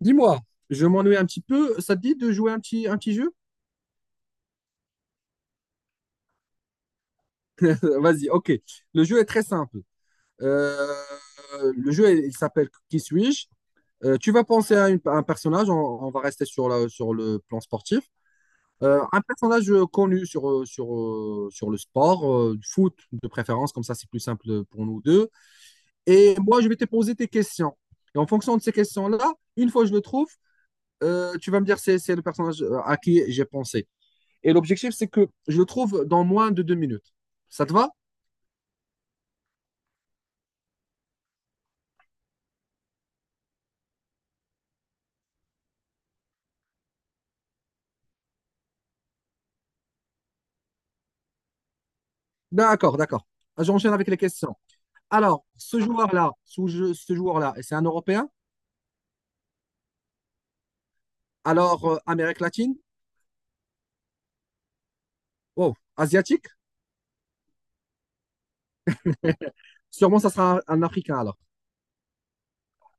Dis-moi, je m'ennuie un petit peu. Ça te dit de jouer un petit jeu? Vas-y, ok. Le jeu est très simple. Euh, le jeu, il s'appelle Qui suis-je? Tu vas penser à, à un personnage. On va rester sur, sur le plan sportif. Un personnage connu sur, sur, sur le sport, du foot de préférence, comme ça c'est plus simple pour nous deux. Et moi, je vais te poser tes questions. Et en fonction de ces questions-là, une fois que je le trouve, tu vas me dire c'est le personnage à qui j'ai pensé. Et l'objectif, c'est que je le trouve dans moins de deux minutes. Ça te va? D'accord, d'accord. J'enchaîne avec les questions. Alors, ce joueur-là, c'est un Européen? Alors, Amérique latine? Oh, Asiatique? Sûrement, ça sera un Africain alors.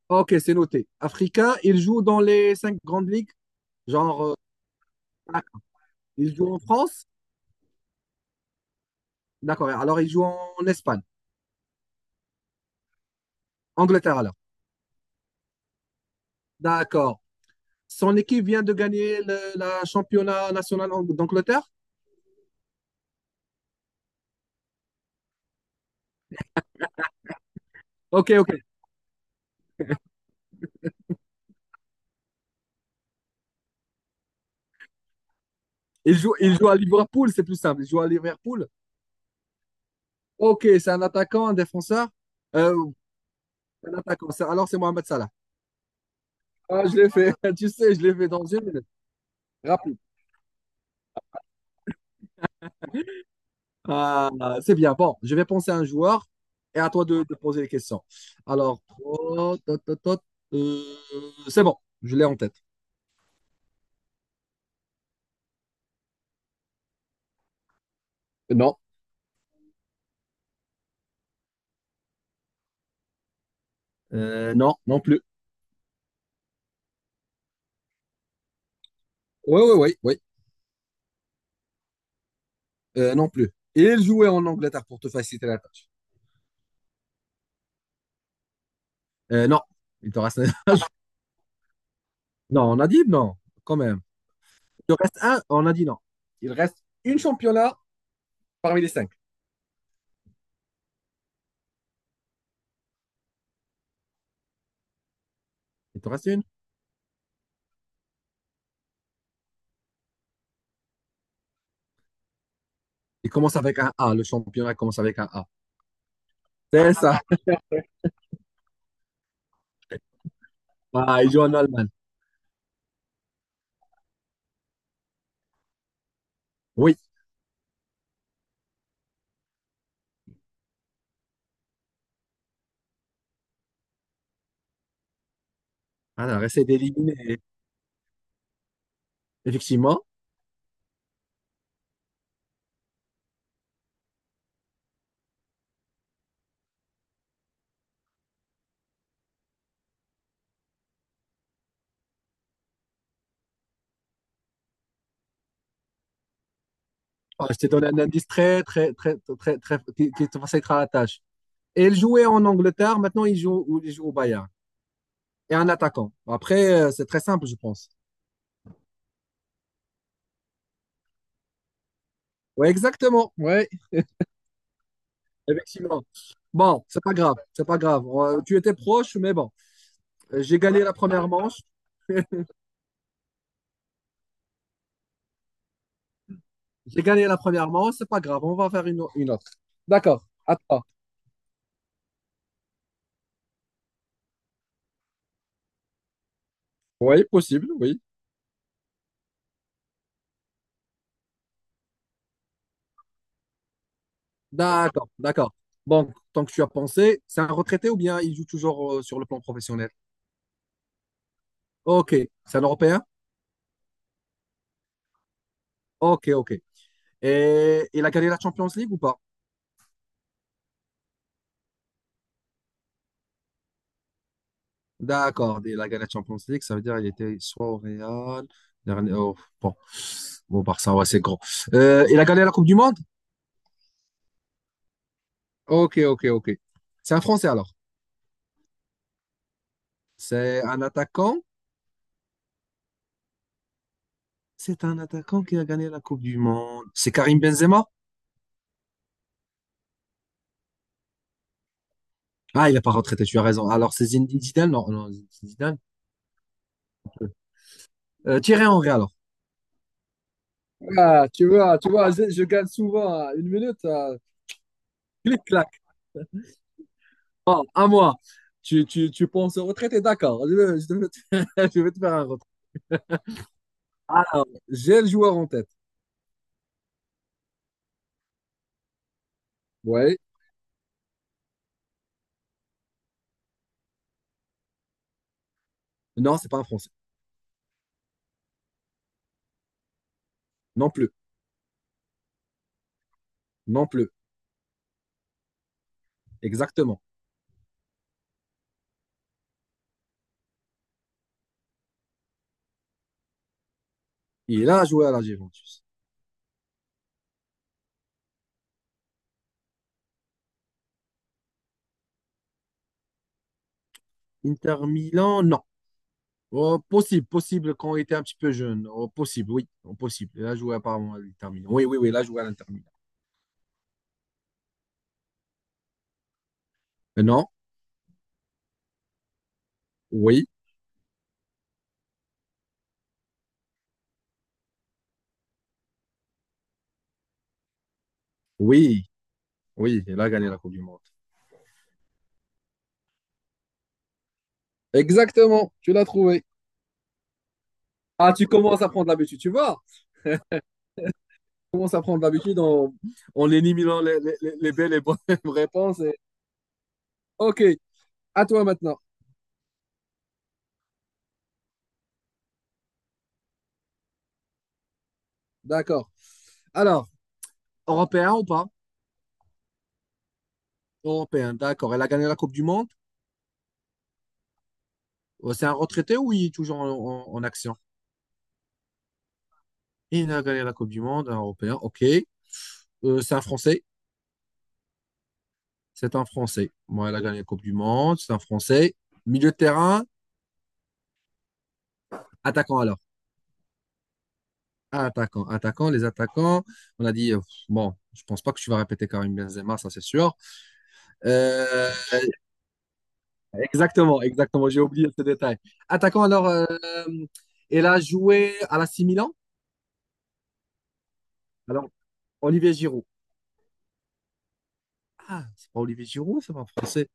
Ok, c'est noté. Africain, il joue dans les cinq grandes ligues. Genre, ah, il joue en France? D'accord. Alors, il joue en Espagne. Angleterre alors. D'accord. Son équipe vient de gagner la championnat national d'Angleterre? Ok, ok. Il joue à Liverpool, c'est plus simple. Il joue à Liverpool. Ok, c'est un attaquant, un défenseur. Euh, un attaquant. Alors c'est Mohamed Salah. Ah, je l'ai fait. Tu sais, je l'ai fait dans une minute. Rappel- Ah, c'est bien. Bon, je vais penser à un joueur et à toi de poser les questions. Alors, oh, tot, tot, tot. Euh, c'est bon, je l'ai en tête. Non. Non, non plus. Oui, oui, oui, oui. Non plus. Il jouait en Angleterre pour te faciliter la tâche. Non, il te reste. Non, on a dit non, quand même. Il en reste un, oh, on a dit non. Il reste une championnat parmi les cinq. Il te reste une. Il commence avec un A. Le championnat commence avec un A. C'est ça. Ah, il joue en Allemagne. Oui. Alors, essaie d'éliminer. Effectivement. Ah, je t'ai donné un indice très, très, très, très, très, qui te facilitera la tâche. Et il jouait en Angleterre. Maintenant, il joue au Bayern. Et un attaquant. Après, c'est très simple, je pense. Oui, exactement. Oui, effectivement. Bon, c'est pas grave, c'est pas grave. Tu étais proche, mais bon, j'ai gagné la première manche. J'ai gagné la première manche, c'est pas grave, on va faire une autre. D'accord, à toi. Oui, possible, oui. D'accord, d'accord. Donc, tant que tu as pensé, c'est un retraité ou bien il joue toujours sur le plan professionnel? Ok, c'est un Européen? Ok, ok. Et il a gagné la Champions League ou pas? D'accord, il a gagné la Champions League, ça veut dire qu'il était soit au Real, oh, bon, bon, au Barça, ouais, c'est gros. Il a gagné la Coupe du Monde? Ok, ok, ok. C'est un Français alors. C'est un attaquant? C'est un attaquant qui a gagné la Coupe du Monde. C'est Karim Benzema? Ah, il n'est pas retraité, tu as raison. Alors, c'est Zinedine Zidane? Non, non, Zidane. Thierry Henry, alors. Ah, tu vois, je gagne souvent hein, une minute. Clic, clac. Ah, à moi. Tu penses au retraité? D'accord. Je vais te faire un retrait. Alors, j'ai le joueur en tête. Ouais. Non, c'est pas un Français. Non plus. Non plus. Exactement. Il a joué à la Juventus. Inter Milan, non. Oh, possible, possible quand on était un petit peu jeune. Oh, possible, oui, oh, possible. Il a joué apparemment à l'Inter Milan. Oui, oui, oui, il a joué à l'Inter Milan. Non, oui, oui, oui, il a gagné la Coupe du Monde. Exactement, tu l'as trouvé. Ah, tu commences à prendre l'habitude, tu vois. Tu commences à prendre l'habitude en éliminant les belles et bonnes réponses. Ok, à toi maintenant. D'accord. Alors, européen ou pas? Européen, d'accord. Elle a gagné la Coupe du Monde. C'est un retraité ou il est toujours en, en action? Il a gagné la Coupe du Monde, un européen. Ok. C'est un Français. C'est un Français. Bon, elle a gagné la Coupe du Monde. C'est un Français. Milieu de terrain, attaquant alors. Attaquant, attaquant, les attaquants. On a dit, bon, je pense pas que tu vas répéter Karim Benzema, ça c'est sûr. Euh, exactement, exactement, j'ai oublié ce détail. Attaquant alors, elle a joué à la C Milan. Alors, Olivier Giroud. Ah, c'est pas Olivier Giroud, c'est pas un français.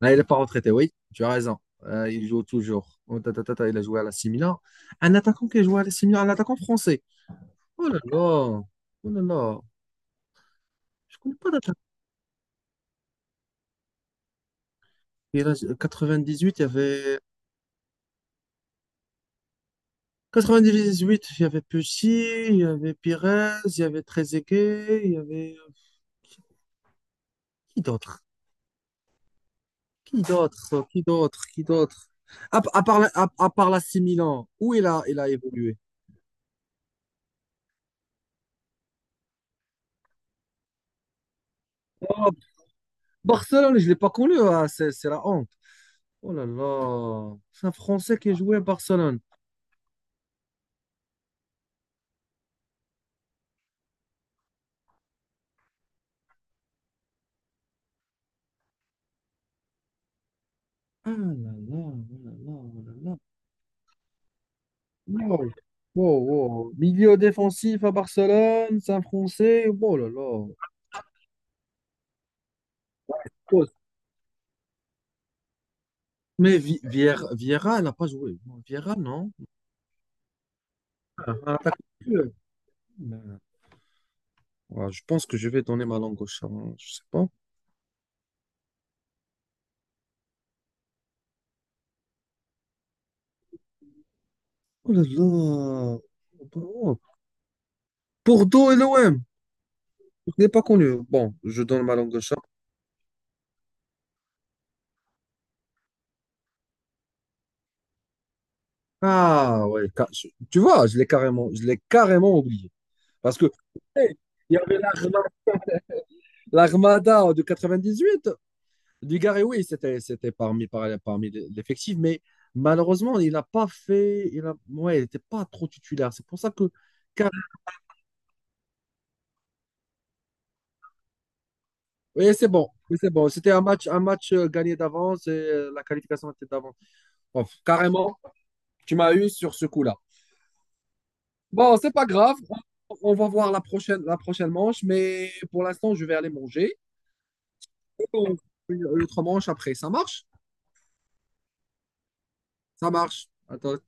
Là, il est pas retraité, oui, tu as raison. Il joue toujours. Oh, ta, ta, ta, ta, il a joué à la C Milan. Un attaquant qui a joué à la C Milan, un attaquant français. Oh là là, oh là là, je connais pas d'attaque. Et là, 98, il y avait 98, il y avait Pessi, il y avait Pires, il y avait Trezeguet, il y avait qui qui d'autre? Qui d'autre? Qui d'autre? Qui d'autre? À part l'AC Milan, où il a évolué? Oh, Barcelone, je l'ai pas connu, ah, c'est la honte. Oh là là, c'est un Français qui a joué à Barcelone. Ah là là, oh là là, oh là là. Wow, wow, wow. Milieu défensif à Barcelone, Saint-Français, oh là là. Oh, mais Vieira, elle n'a pas joué. Vieira, non. Ah, ah, t'as compris. Ouais, je pense que je vais donner ma langue au chat. Hein, je sais pas. Oh là là. Oh. Bah, oh. Bordeaux et l'OM. Je n'ai pas connu. Bon, je donne ma langue au chat. Ah ouais. Tu vois, je l'ai carrément oublié. Parce que hey, il y avait l'Armada de 98. Dugarry, oui, parmi l'effectif, mais malheureusement, il n'a pas fait. Il a, ouais, il n'était pas trop titulaire. C'est pour ça que. car- Oui, c'est bon. Oui, c'est bon. C'était un match gagné d'avance et la qualification était d'avance. Bon, carrément, tu m'as eu sur ce coup-là. Bon, c'est pas grave. On va voir la prochaine manche, mais pour l'instant, je vais aller manger. Et on- une autre manche après. Ça marche? Ça marche. Attends,